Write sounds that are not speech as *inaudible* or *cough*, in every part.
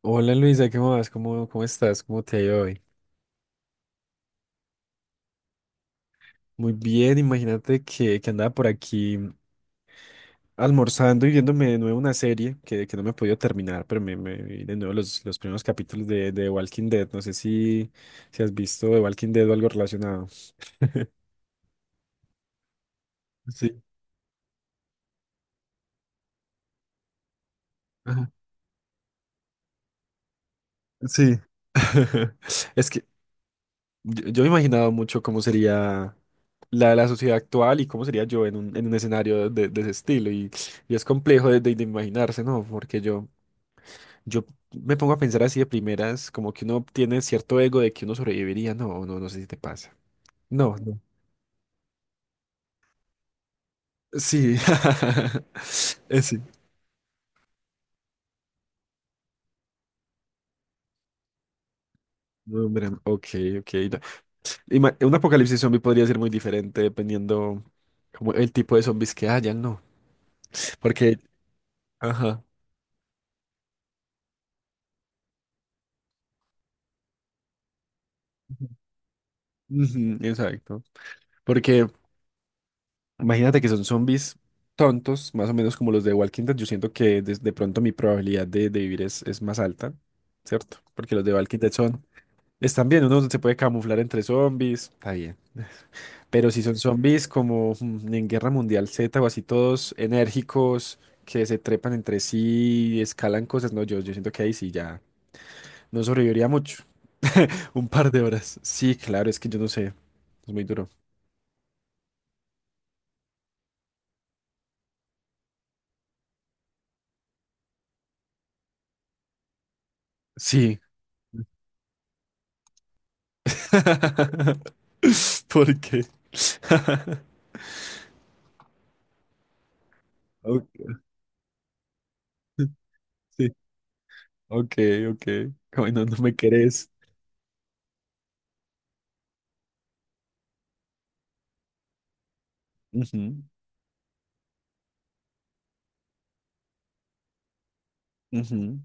Hola Luisa, ¿qué más? ¿Cómo estás? ¿Cómo te ha ido hoy? Muy bien, imagínate que andaba por aquí almorzando y viéndome de nuevo una serie que no me he podido terminar, pero me vi de nuevo los primeros capítulos de Walking Dead. No sé si, si has visto de Walking Dead o algo relacionado. Sí, ajá, sí. *laughs* Es que yo me he imaginado mucho cómo sería la sociedad actual y cómo sería yo en un escenario de ese estilo. Y es complejo de imaginarse, ¿no? Porque yo me pongo a pensar así de primeras, como que uno tiene cierto ego de que uno sobreviviría. No sé si te pasa. No, no. Sí. *laughs* Sí. No, hombre, ok, ok. No. Un apocalipsis zombie podría ser muy diferente dependiendo como el tipo de zombies que hayan, ¿no? Porque, ajá. Ujú, exacto. Porque imagínate que son zombies tontos, más o menos como los de Walking Dead. Yo siento que de pronto mi probabilidad de vivir es más alta, ¿cierto? Porque los de Walking Dead son... Están bien, uno se puede camuflar entre zombies, está bien. Pero si son zombies como en Guerra Mundial Z o así todos enérgicos, que se trepan entre sí y escalan cosas, no, yo siento que ahí sí ya no sobreviviría mucho. *laughs* Un par de horas. Sí, claro, es que yo no sé, es muy duro. Sí. *laughs* ¿Por qué? *laughs* Ok, sí, ok, ok. Bueno, no no me querés. Ujú, ujú,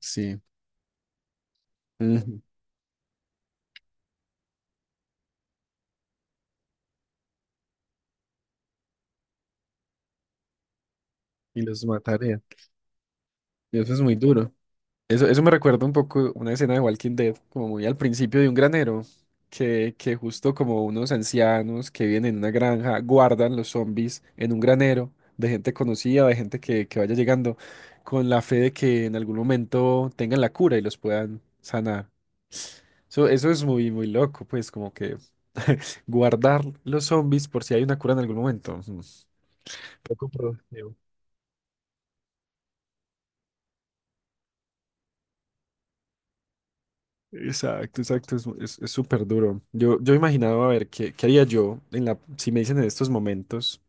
sí. Ujú. Y los mataré. Y eso es muy duro. Eso me recuerda un poco una escena de Walking Dead, como muy al principio de un granero, que justo como unos ancianos que viven en una granja guardan los zombies en un granero de gente conocida, de gente que vaya llegando, con la fe de que en algún momento tengan la cura y los puedan sanar. Eso es muy, muy loco, pues como que *laughs* guardar los zombies por si hay una cura en algún momento. Ujú. Poco productivo. Exacto, exacto, es súper duro. Yo imaginaba, a ver, ¿qué, qué haría yo en la, si me dicen en estos momentos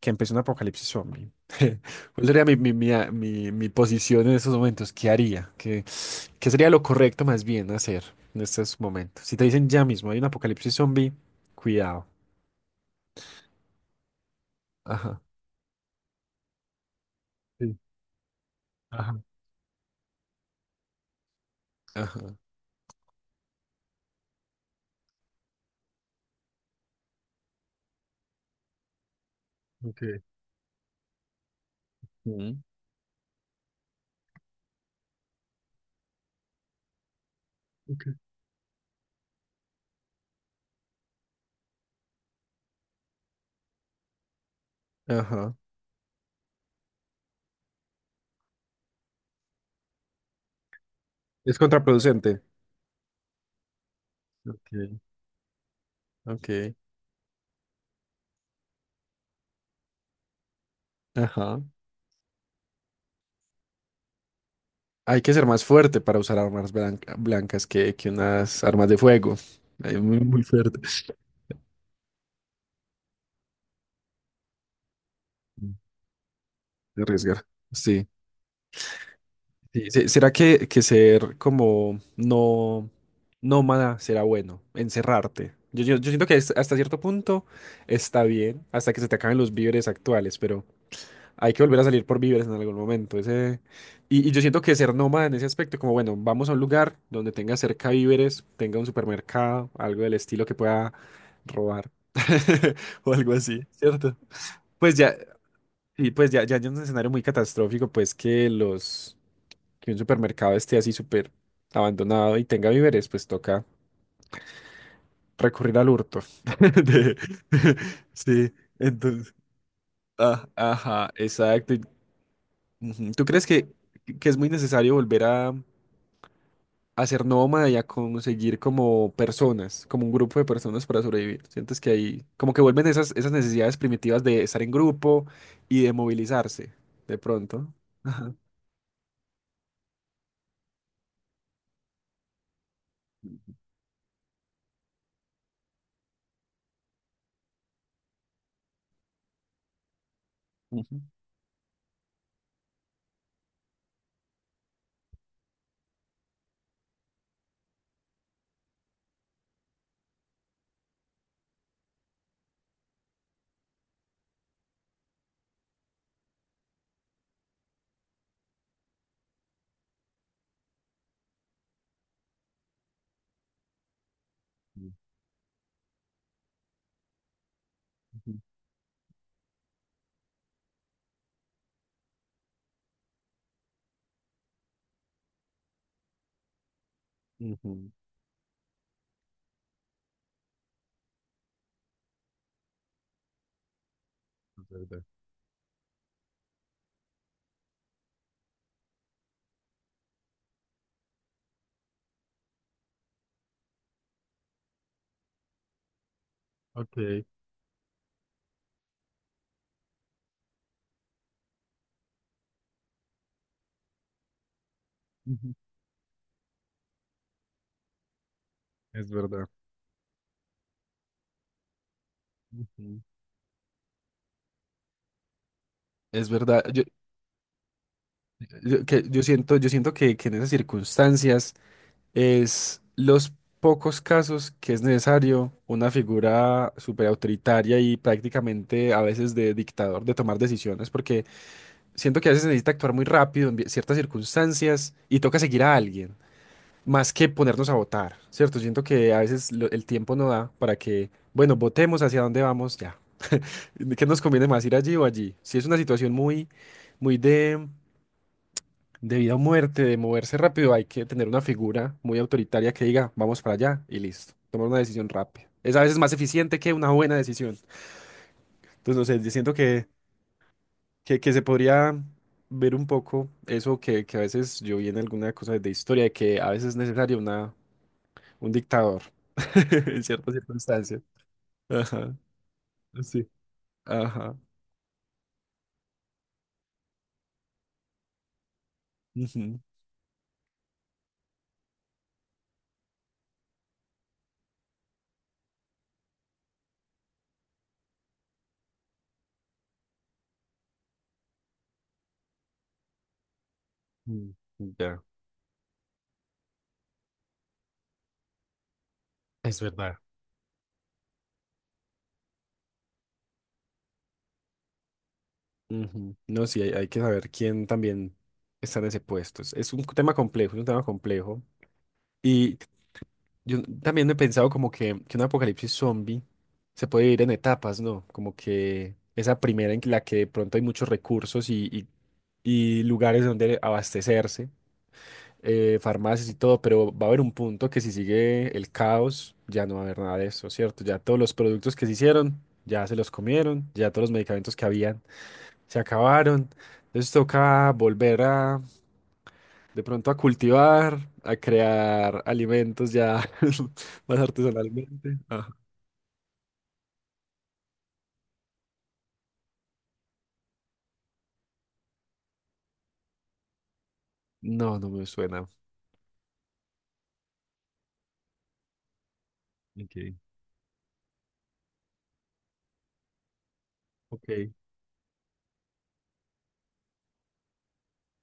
que empezó un apocalipsis zombie? *laughs* ¿Cuál sería mi posición en estos momentos? ¿Qué haría? ¿Qué, qué sería lo correcto más bien hacer en estos momentos? Si te dicen ya mismo hay un apocalipsis zombie, cuidado. Ajá, sí. Ajá. Ajá. Ok, mm. Ok. Ajá. Es contraproducente. Ok. Ok. Ajá. Hay que ser más fuerte para usar blancas que unas armas de fuego. Hay muy, muy fuerte. De arriesgar. Sí. Sí, ¿Será que ser como no nómada será bueno? Encerrarte. Yo siento que hasta cierto punto está bien, hasta que se te acaben los víveres actuales, pero hay que volver a salir por víveres en algún momento. Ese... Y, y yo siento que ser nómada en ese aspecto, como bueno, vamos a un lugar donde tenga cerca víveres, tenga un supermercado, algo del estilo que pueda robar. *laughs* O algo así, ¿cierto? Pues ya, y pues ya, ya hay un escenario muy catastrófico, pues que los, que un supermercado esté así súper abandonado y tenga víveres, pues toca recurrir al hurto. *laughs* De- *laughs* Sí, entonces, ah, ajá, exacto. Y- ujú. ¿Tú crees que es muy necesario volver a, hacer nómada y a conseguir como personas, como un grupo de personas para sobrevivir. Sientes que ahí, como que vuelven esas, esas necesidades primitivas de estar en grupo y de movilizarse, de pronto. Ajá. Ujú, ujú, ujú. Es verdad. Ok, ujú. Es verdad. Ujú. Es verdad, yo, yo siento que en esas circunstancias. Es los pocos casos que es necesario una figura súper autoritaria y prácticamente a veces de dictador de tomar decisiones, porque siento que a veces se necesita actuar muy rápido en ciertas circunstancias y toca seguir a alguien, más que ponernos a votar, ¿cierto? Siento que a veces el tiempo no da para que, bueno, votemos hacia dónde vamos ya. ¿Qué nos conviene más, ir allí o allí? Si es una situación muy, muy de... De vida o muerte, de moverse rápido, hay que tener una figura muy autoritaria que diga, vamos para allá y listo. Tomar una decisión rápida. Es a veces más eficiente que una buena decisión. Entonces, no sé, yo siento que se podría ver un poco eso que a veces yo vi en alguna cosa de historia, de que a veces es necesario una, un dictador *laughs* en ciertas circunstancias. Ajá, sí. Ajá. Ujú, mm, ya. Es verdad. Ujú. No, sí, hay que saber quién también está en ese puesto. Es un tema complejo, es un tema complejo. Y yo también he pensado como que un apocalipsis zombie se puede vivir en etapas, ¿no? Como que esa primera en la que de pronto hay muchos recursos y, y lugares donde abastecerse, farmacias y todo, pero va a haber un punto que si sigue el caos, ya no va a haber nada de eso, ¿cierto? Ya todos los productos que se hicieron, ya se los comieron, ya todos los medicamentos que habían se acabaron. Entonces toca volver a, de pronto a cultivar, a crear alimentos ya *laughs* más artesanalmente. Ajá. No, no me suena. Ok, ok,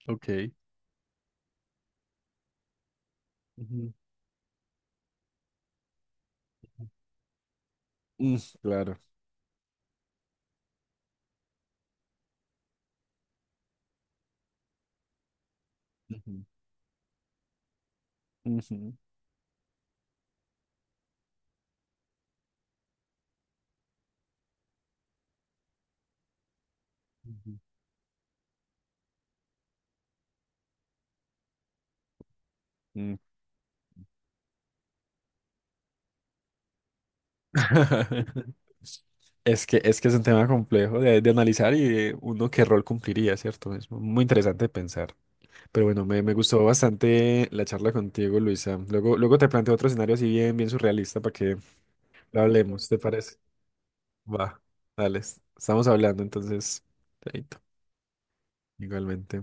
ok. Ujú. Mm, claro. Ujú, ujú, ujú. Mm. *laughs* Es que, es que es un tema complejo de analizar y de uno qué rol cumpliría, ¿cierto? Es muy interesante pensar. Pero bueno, me gustó bastante la charla contigo, Luisa. Luego, luego te planteo otro escenario así bien, bien surrealista para que lo hablemos, ¿te parece? Va, dale, estamos hablando entonces. Chaito, igualmente.